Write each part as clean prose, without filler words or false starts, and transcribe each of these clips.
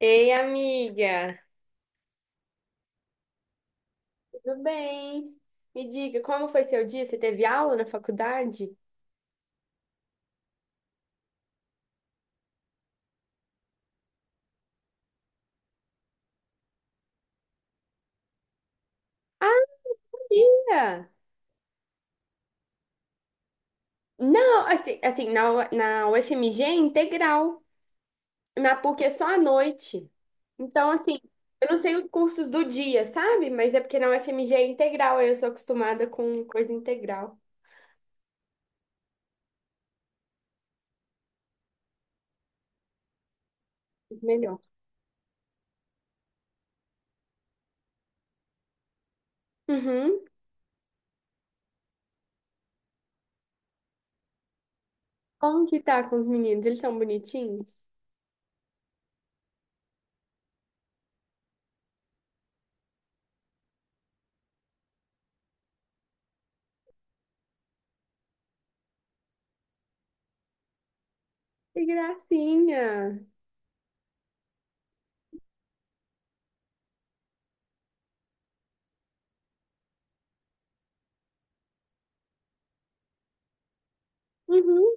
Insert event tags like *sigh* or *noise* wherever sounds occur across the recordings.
Ei, amiga, tudo bem? Me diga, como foi seu dia? Você teve aula na faculdade? Ah, amiga! Não, assim, assim, na UFMG é integral, na PUC é só à noite. Então, assim, eu não sei os cursos do dia, sabe? Mas é porque na UFMG é integral, aí eu sou acostumada com coisa integral. Melhor. Uhum. Como que tá com os meninos? Eles são bonitinhos? Que gracinha! Uhum.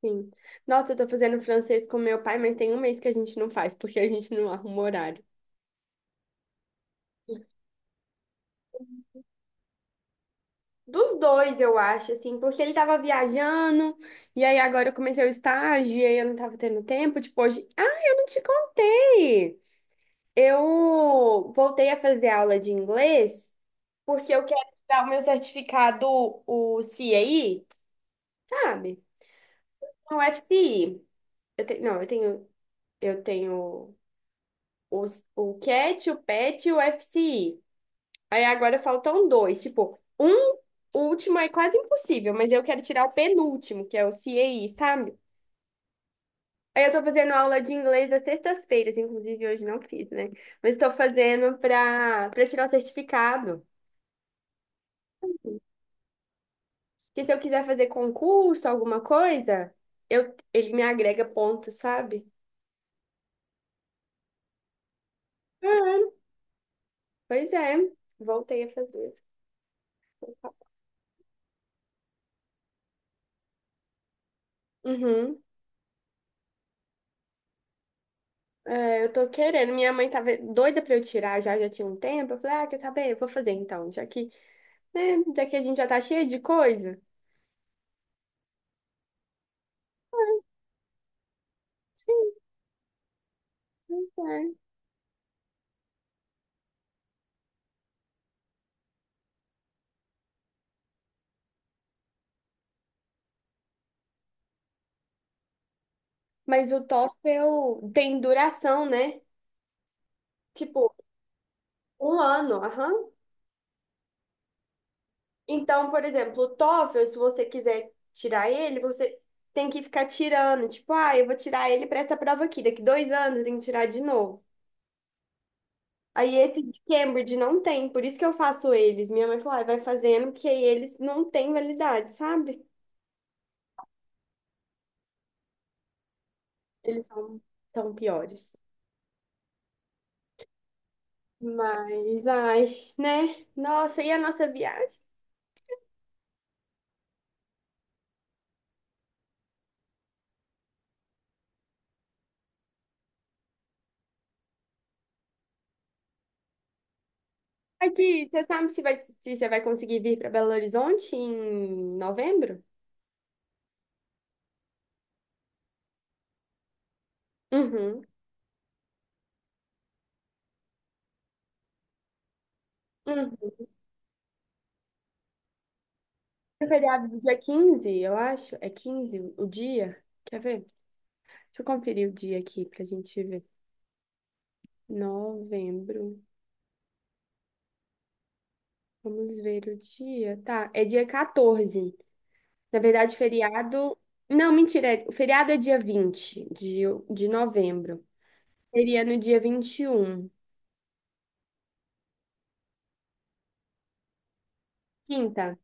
Sim. Nossa, eu tô fazendo francês com meu pai, mas tem um mês que a gente não faz, porque a gente não arruma horário. Dos dois, eu acho, assim, porque ele tava viajando, e aí agora eu comecei o estágio, e aí eu não tava tendo tempo, tipo, Ah, eu não te contei! Eu voltei a fazer aula de inglês, porque eu quero tirar o meu certificado, o CAI, sabe? O FCI. Não, eu tenho o CAT, o PET e o FCI. Aí agora faltam dois. Tipo, um último é quase impossível, mas eu quero tirar o penúltimo, que é o CAI, sabe? Aí eu tô fazendo aula de inglês às sextas-feiras, inclusive hoje não fiz, né? Mas tô fazendo pra tirar o certificado. Que se eu quiser fazer concurso, alguma coisa, eu, ele me agrega pontos, sabe? Uhum. Pois é, voltei a fazer. Uhum. É, eu tô querendo. Minha mãe tava doida pra eu tirar já, já tinha um tempo. Eu falei, ah, quer saber? Eu vou fazer então, já que né? Já que a gente já tá cheio de coisa. Sim, pois é. Mas o TOEFL tem duração, né? Tipo, um ano, aham. Então, por exemplo, o TOEFL, se você quiser tirar ele, você tem que ficar tirando. Tipo, ah, eu vou tirar ele para essa prova aqui. Daqui 2 anos eu tenho que tirar de novo. Aí esse de Cambridge não tem, por isso que eu faço eles. Minha mãe falou, ah, vai fazendo, porque aí eles não têm validade, sabe? Eles são tão piores. Mas, ai, né? Nossa, e a nossa viagem? Aqui, você sabe se vai, se você vai conseguir vir para Belo Horizonte em novembro? Uhum. Uhum. É feriado do dia 15 eu acho. É 15 o dia? Quer ver? Deixa eu conferir o dia aqui pra gente ver. Novembro. Vamos ver o dia. Tá, é dia 14. Na verdade, feriado. Não, mentira. O feriado é dia 20 de novembro. Seria no dia 21. Quinta.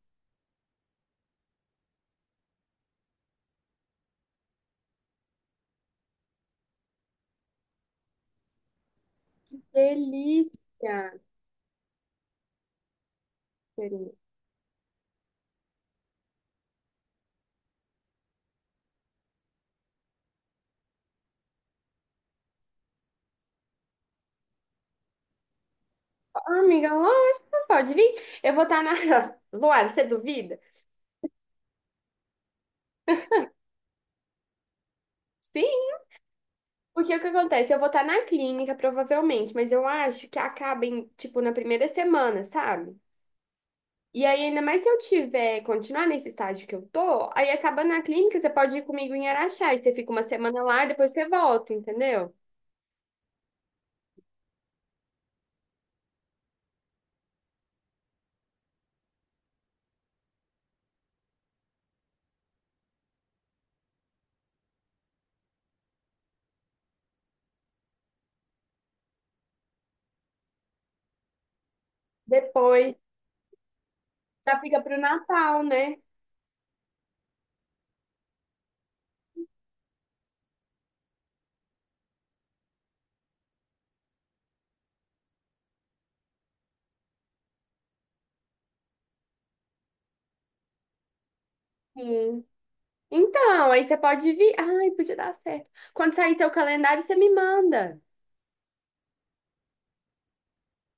Delícia, querida. Ah, amiga, lógico, pode vir. Eu vou estar na. *laughs* Luara, você duvida? Sim, porque o que acontece? Eu vou estar na clínica, provavelmente, mas eu acho que acaba em, tipo, na primeira semana, sabe? E aí, ainda mais se eu tiver, continuar nesse estágio que eu tô, aí acabando na clínica, você pode ir comigo em Araxá, e você fica uma semana lá e depois você volta, entendeu? Depois já fica pro Natal, né? Sim. Então, aí você pode vir. Ai, podia dar certo. Quando sair seu calendário, você me manda.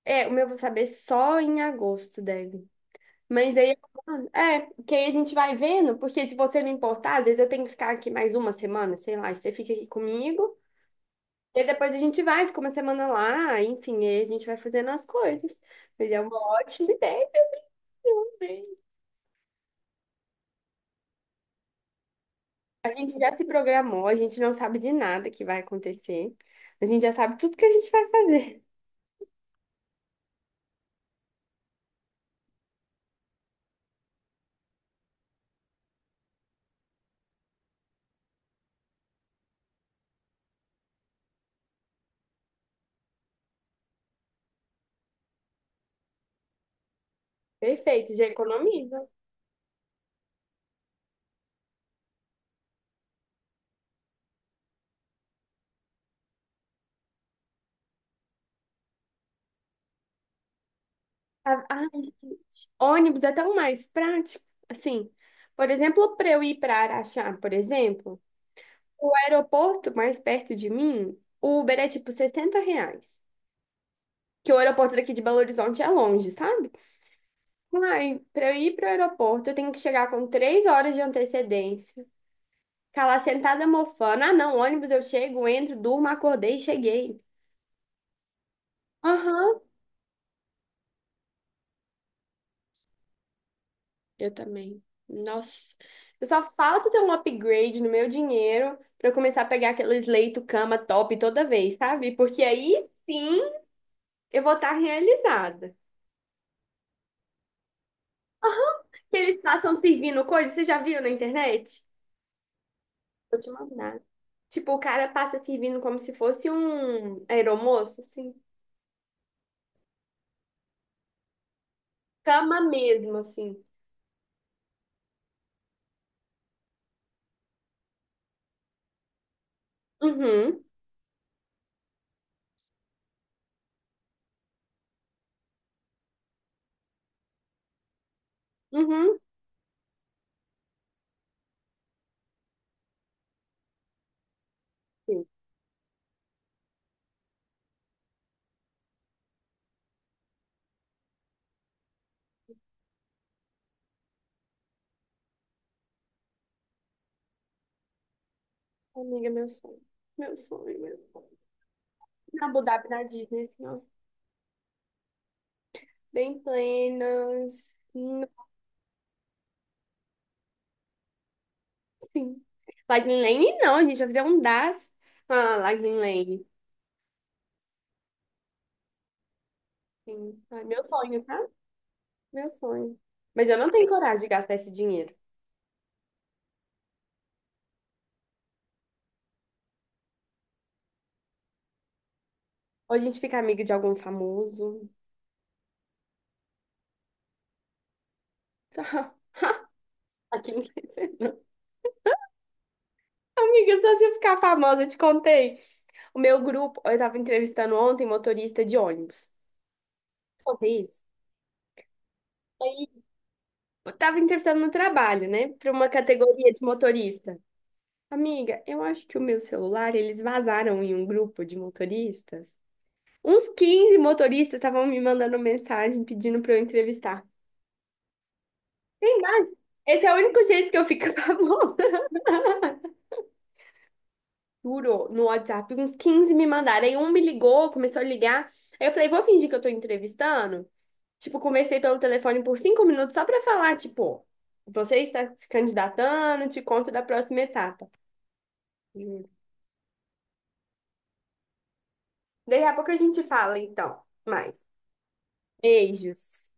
É, o meu eu vou saber só em agosto, deve. Mas aí, é, que aí a gente vai vendo, porque se você não importar, às vezes eu tenho que ficar aqui mais uma semana, sei lá, e você fica aqui comigo. E aí depois a gente vai, fica uma semana lá, enfim, aí a gente vai fazendo as coisas. Mas é uma ótima ideia, eu amei. A gente já se programou, a gente não sabe de nada que vai acontecer. A gente já sabe tudo que a gente vai fazer. Perfeito, já economiza. Ah, ai, gente. Ônibus é tão mais prático. Assim, por exemplo, para eu ir para Araxá, por exemplo, o aeroporto mais perto de mim, o Uber é tipo R$ 60. Que o aeroporto daqui de Belo Horizonte é longe, sabe? Ai, para eu ir para o aeroporto, eu tenho que chegar com 3 horas de antecedência. Ficar lá sentada mofando. Ah, não, ônibus eu chego, entro, durmo, acordei e cheguei. Aham, eu também. Nossa, eu só falta ter um upgrade no meu dinheiro pra eu começar a pegar aqueles leito cama top toda vez, sabe? Porque aí sim eu vou estar realizada. Que eles passam servindo coisa, você já viu na internet? Vou te mandar. Tipo, o cara passa servindo como se fosse um aeromoço, assim. Cama mesmo, assim. Uhum, uhum. Sim. Amiga, meu sonho. Meu sonho, meu sonho. Na Abu Dhabi, na Disney, assim, ó. Bem plenas. Sim. Lightning Lane não, gente. Já fizeram um das. Ah, Lightning Lane. Sim. Ai, meu sonho, tá? Meu sonho. Mas eu não tenho coragem de gastar esse dinheiro. Ou a gente fica amiga de algum famoso. *laughs* Aqui não quer dizer, não. Amiga, só se eu ficar famosa, eu te contei. O meu grupo, eu tava entrevistando ontem motorista de ônibus. Contei isso? Aí, eu tava entrevistando no trabalho, né? Pra uma categoria de motorista. Amiga, eu acho que o meu celular, eles vazaram em um grupo de motoristas. Uns 15 motoristas estavam me mandando mensagem pedindo para eu entrevistar. Tem mais? Esse é o único jeito que eu fico *laughs* famosa. Juro, no WhatsApp, uns 15 me mandaram. Aí um me ligou, começou a ligar. Aí eu falei, vou fingir que eu tô entrevistando. Tipo, conversei pelo telefone por 5 minutos só pra falar, tipo, você está se candidatando, te conto da próxima etapa. Juro. Daí a pouco a gente fala, então. Mais. Beijos.